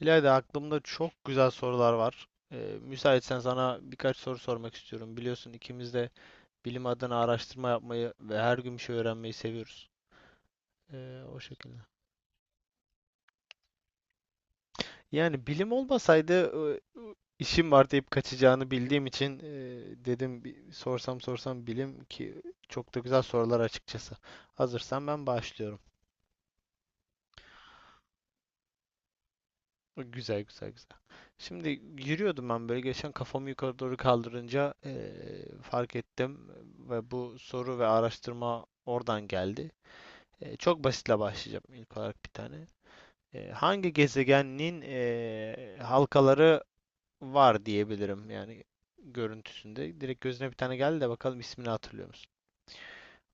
İlayda aklımda çok güzel sorular var. Müsaitsen sana birkaç soru sormak istiyorum. Biliyorsun ikimiz de bilim adına araştırma yapmayı ve her gün bir şey öğrenmeyi seviyoruz. O şekilde. Yani bilim olmasaydı e, işim var deyip kaçacağını bildiğim için dedim bir sorsam sorsam bilim ki çok da güzel sorular açıkçası. Hazırsan ben başlıyorum. Güzel, güzel, güzel. Şimdi yürüyordum ben böyle geçen, kafamı yukarı doğru kaldırınca fark ettim ve bu soru ve araştırma oradan geldi. Çok basitle başlayacağım, ilk olarak bir tane. Hangi gezegenin halkaları var diyebilirim, yani görüntüsünde. Direkt gözüne bir tane geldi de bakalım, ismini hatırlıyor musun?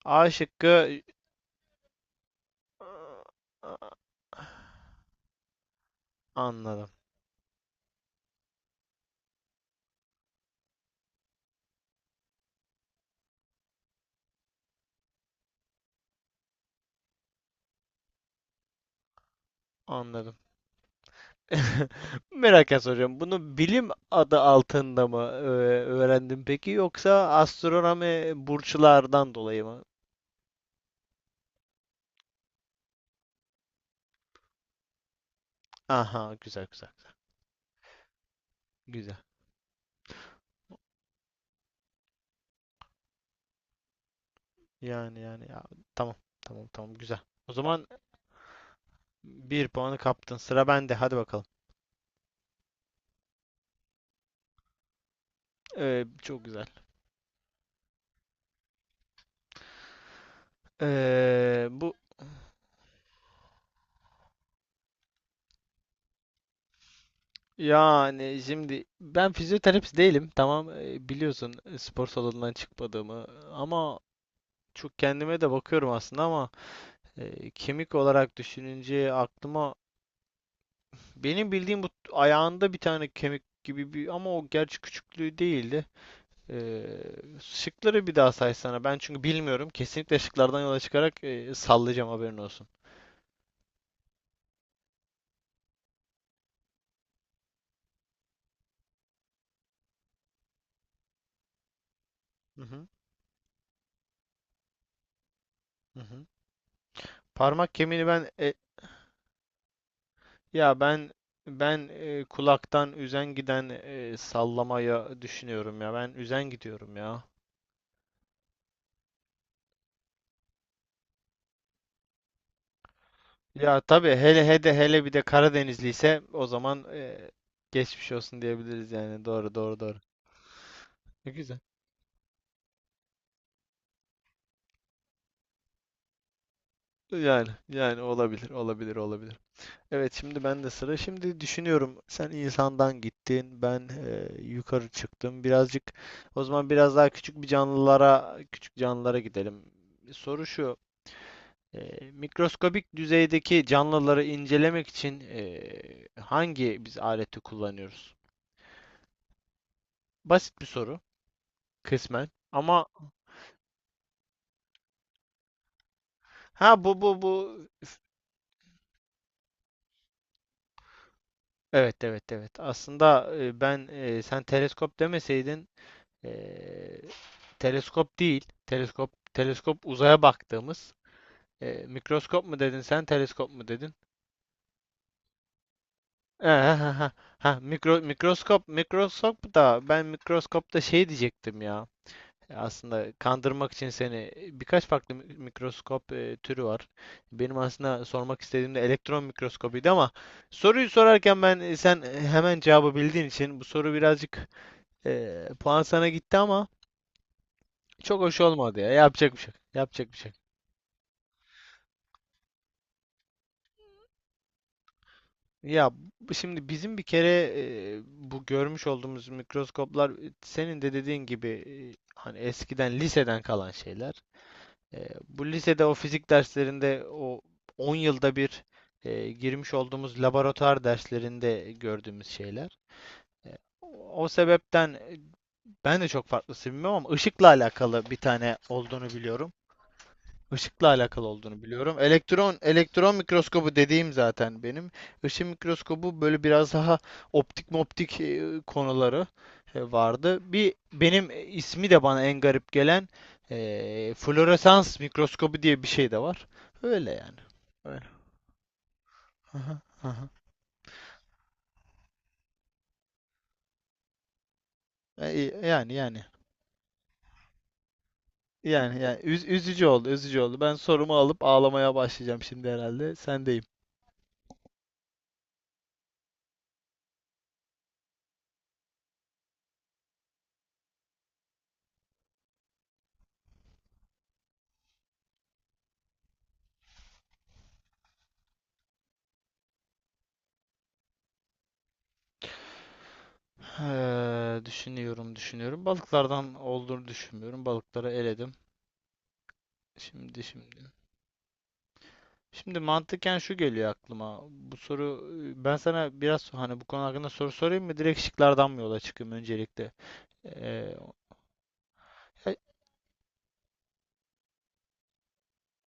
A şıkkı. Anladım, anladım. Merak soruyorum. Bunu bilim adı altında mı öğrendin peki, yoksa astronomi burçlardan dolayı mı? Aha, güzel, güzel. Güzel. Yani, yani ya, tamam, tamam, tamam, güzel. O zaman bir puanı kaptın. Sıra bende. Hadi bakalım. Çok güzel. Bu Yani şimdi ben fizyoterapist değilim. Tamam, biliyorsun spor salonundan çıkmadığımı, ama çok kendime de bakıyorum aslında, ama kemik olarak düşününce aklıma, benim bildiğim bu ayağında bir tane kemik gibi bir, ama o gerçi küçüklüğü değildi. E, Şıkları bir daha saysana. Ben çünkü bilmiyorum. Kesinlikle şıklardan yola çıkarak sallayacağım, haberin olsun. Hı hı. Hı hı. Parmak kemiğini ben ya ben kulaktan üzen giden sallamaya düşünüyorum ya. Ben üzen gidiyorum ya. Ya tabii, hele hele hele bir de Karadenizli ise, o zaman geçmiş olsun diyebiliriz yani. Doğru, doğru, doğru. Ne güzel. Yani, yani olabilir, olabilir, olabilir. Evet, şimdi ben de sıra. Şimdi düşünüyorum, sen insandan gittin, ben yukarı çıktım. Birazcık, o zaman biraz daha küçük canlılara gidelim. Soru şu. Mikroskobik düzeydeki canlıları incelemek için hangi biz aleti kullanıyoruz? Basit bir soru kısmen. Ama Ha bu bu bu evet, evet, evet. Aslında sen teleskop demeseydin, e, teleskop değil. Teleskop uzaya baktığımız. Mikroskop mu dedin, sen teleskop mu dedin? Ha, ha, ha, ha. Ha, mikroskop da, ben mikroskopta şey diyecektim ya. Aslında kandırmak için seni birkaç farklı mikroskop türü var. Benim aslında sormak istediğim de elektron mikroskobuydu, ama soruyu sorarken sen hemen cevabı bildiğin için bu soru birazcık puan sana gitti, ama çok hoş olmadı ya. Yapacak bir şey yok. Yapacak bir şey yok. Ya şimdi bizim bir kere bu görmüş olduğumuz mikroskoplar, senin de dediğin gibi hani eskiden liseden kalan şeyler. Bu lisede, o fizik derslerinde, o 10 yılda bir girmiş olduğumuz laboratuvar derslerinde gördüğümüz şeyler. O sebepten, ben de çok farklısını bilmiyorum, ama ışıkla alakalı bir tane olduğunu biliyorum. Işıkla alakalı olduğunu biliyorum. Elektron mikroskobu dediğim zaten benim. Işın mikroskobu böyle biraz daha optik moptik konuları vardı. Bir, benim ismi de bana en garip gelen floresans mikroskobu diye bir şey de var. Öyle yani. Öyle. Aha, aha. Yani, yani. Yani, yani üzücü oldu, üzücü oldu. Ben sorumu alıp ağlamaya başlayacağım şimdi herhalde. Sen de. Düşünüyorum, düşünüyorum. Balıklardan olduğunu düşünmüyorum. Balıkları eledim. Şimdi, şimdi. Şimdi mantıken şu geliyor aklıma. Ben sana biraz, hani bu konu hakkında soru sorayım mı? Direkt şıklardan mı yola çıkayım öncelikle? Eee, e-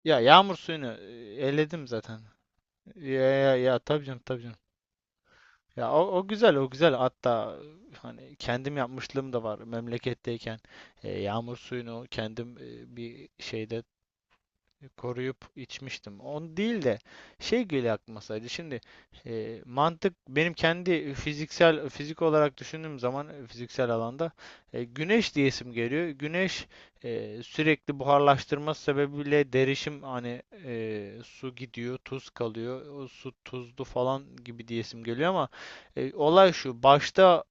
Ya yağmur suyunu eledim zaten. Ya, ya, ya, tabii canım, tabii canım. Ya o, o güzel, o güzel. Hatta hani kendim yapmışlığım da var memleketteyken. Yağmur suyunu kendim bir şeyde koruyup içmiştim. On değil de, şey geliyor aklıma sadece. Şimdi, mantık benim kendi fizik olarak düşündüğüm zaman, fiziksel alanda güneş diyesim geliyor. Güneş, sürekli buharlaştırması sebebiyle derişim, hani su gidiyor, tuz kalıyor. O su tuzlu falan gibi diyesim geliyor, ama olay şu. Baştaki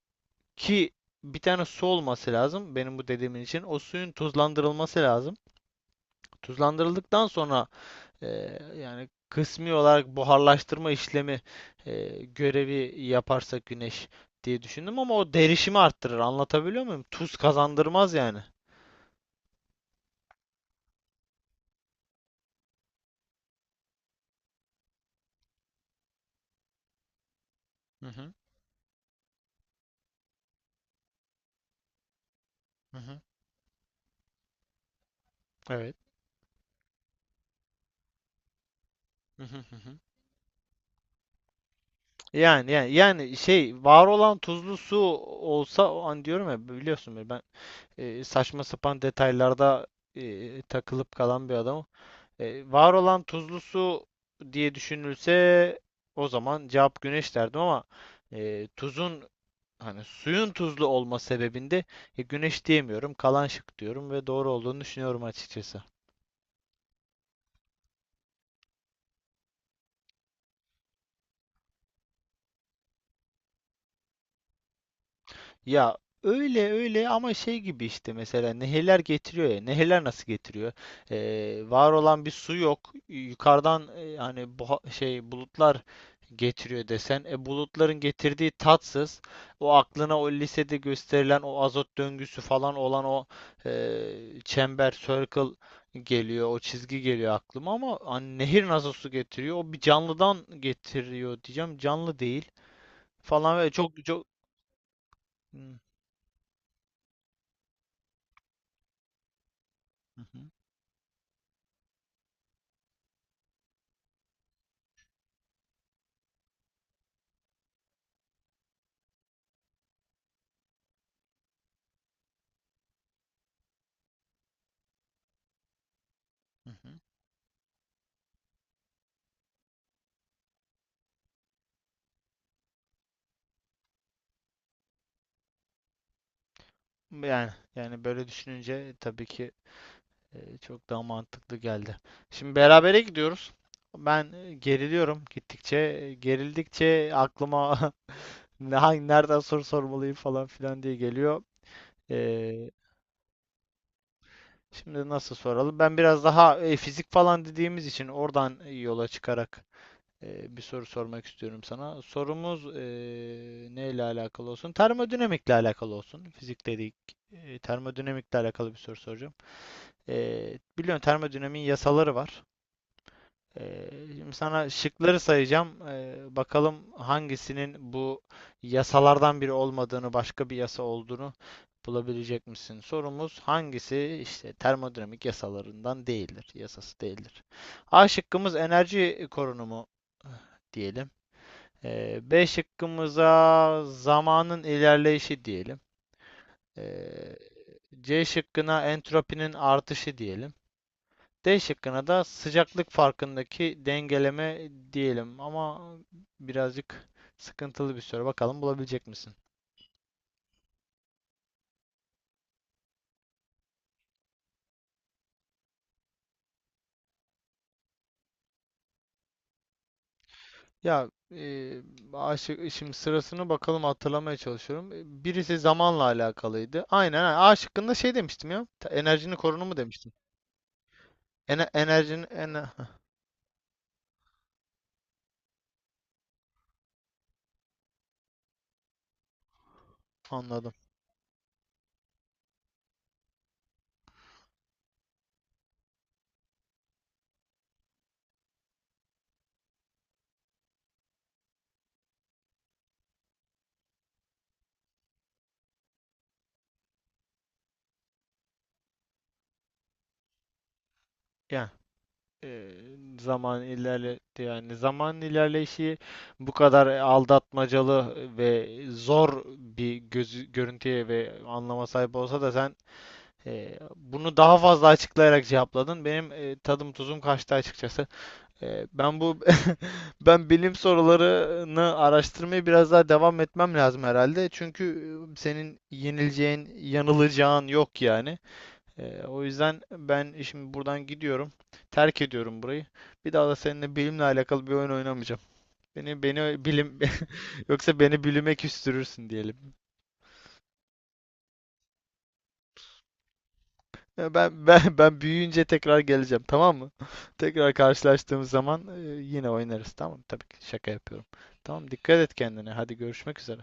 bir tane su olması lazım benim bu dediğimin için. O suyun tuzlandırılması lazım. Tuzlandırıldıktan sonra, yani kısmi olarak buharlaştırma işlemi görevi yaparsa güneş diye düşündüm, ama o derişimi arttırır. Anlatabiliyor muyum? Tuz kazandırmaz yani. Hı hı. Hı hı. Evet. Hı hı, hı hı. Yani, yani, yani şey, var olan tuzlu su olsa o an, diyorum ya biliyorsun beni, ben saçma sapan detaylarda takılıp kalan bir adamım. Var olan tuzlu su diye düşünülse, o zaman cevap güneş derdim, ama tuzun, hani suyun tuzlu olma sebebinde güneş diyemiyorum, kalan şık diyorum ve doğru olduğunu düşünüyorum açıkçası. Ya öyle, öyle, ama şey gibi, işte mesela nehirler getiriyor ya. Nehirler nasıl getiriyor? Var olan bir su yok. Yukarıdan, hani bu şey bulutlar getiriyor desen. Bulutların getirdiği tatsız. O aklına, o lisede gösterilen o azot döngüsü falan olan o çember, circle geliyor. O çizgi geliyor aklıma, ama hani nehir nasıl su getiriyor? O bir canlıdan getiriyor diyeceğim. Canlı değil falan ve çok çok. Hı hı. Hı hı. Yani, yani böyle düşününce tabii ki çok daha mantıklı geldi. Şimdi berabere gidiyoruz. Ben geriliyorum gittikçe. Gerildikçe aklıma ne- hangi nereden soru sormalıyım falan filan diye geliyor. E, Şimdi nasıl soralım? Ben biraz daha fizik falan dediğimiz için oradan yola çıkarak bir soru sormak istiyorum sana. Sorumuz neyle alakalı olsun? Termodinamikle alakalı olsun. Fizik dedik. Termodinamikle alakalı bir soru soracağım. Biliyorsun termodinamiğin yasaları var. Ee, Şimdi sana şıkları sayacağım. Bakalım hangisinin bu yasalardan biri olmadığını, başka bir yasa olduğunu bulabilecek misin? Sorumuz, hangisi işte termodinamik yasalarından değildir, yasası değildir. A şıkkımız enerji korunumu eh, diyelim. B şıkkımıza zamanın ilerleyişi diyelim. Ee, C şıkkına entropinin artışı diyelim. D şıkkına da sıcaklık farkındaki dengeleme diyelim, ama birazcık sıkıntılı bir soru. Bakalım bulabilecek misin? Ya şimdi sırasını bakalım, hatırlamaya çalışıyorum. Birisi zamanla alakalıydı. Aynen, ha, A şıkkında şey demiştim ya. Enerjinin korunumu demiştim. Enerjinin anladım. Yani, e, zaman ilerledi yani zaman ilerleyişi bu kadar aldatmacalı ve zor bir gözü, görüntüye ve anlama sahip olsa da sen bunu daha fazla açıklayarak cevapladın. Benim tadım tuzum kaçtı açıkçası. E, ben bu Bilim sorularını araştırmaya biraz daha devam etmem lazım herhalde. Çünkü senin yenileceğin, yanılacağın yok yani. O yüzden ben şimdi buradan gidiyorum. Terk ediyorum burayı. Bir daha da seninle bilimle alakalı bir oyun oynamayacağım. Beni beni bilim yoksa beni bilime küstürürsün diyelim. Ya, ben büyüyünce tekrar geleceğim, tamam mı? Tekrar karşılaştığımız zaman yine oynarız, tamam mı? Tabii ki şaka yapıyorum. Tamam, dikkat et kendine. Hadi görüşmek üzere.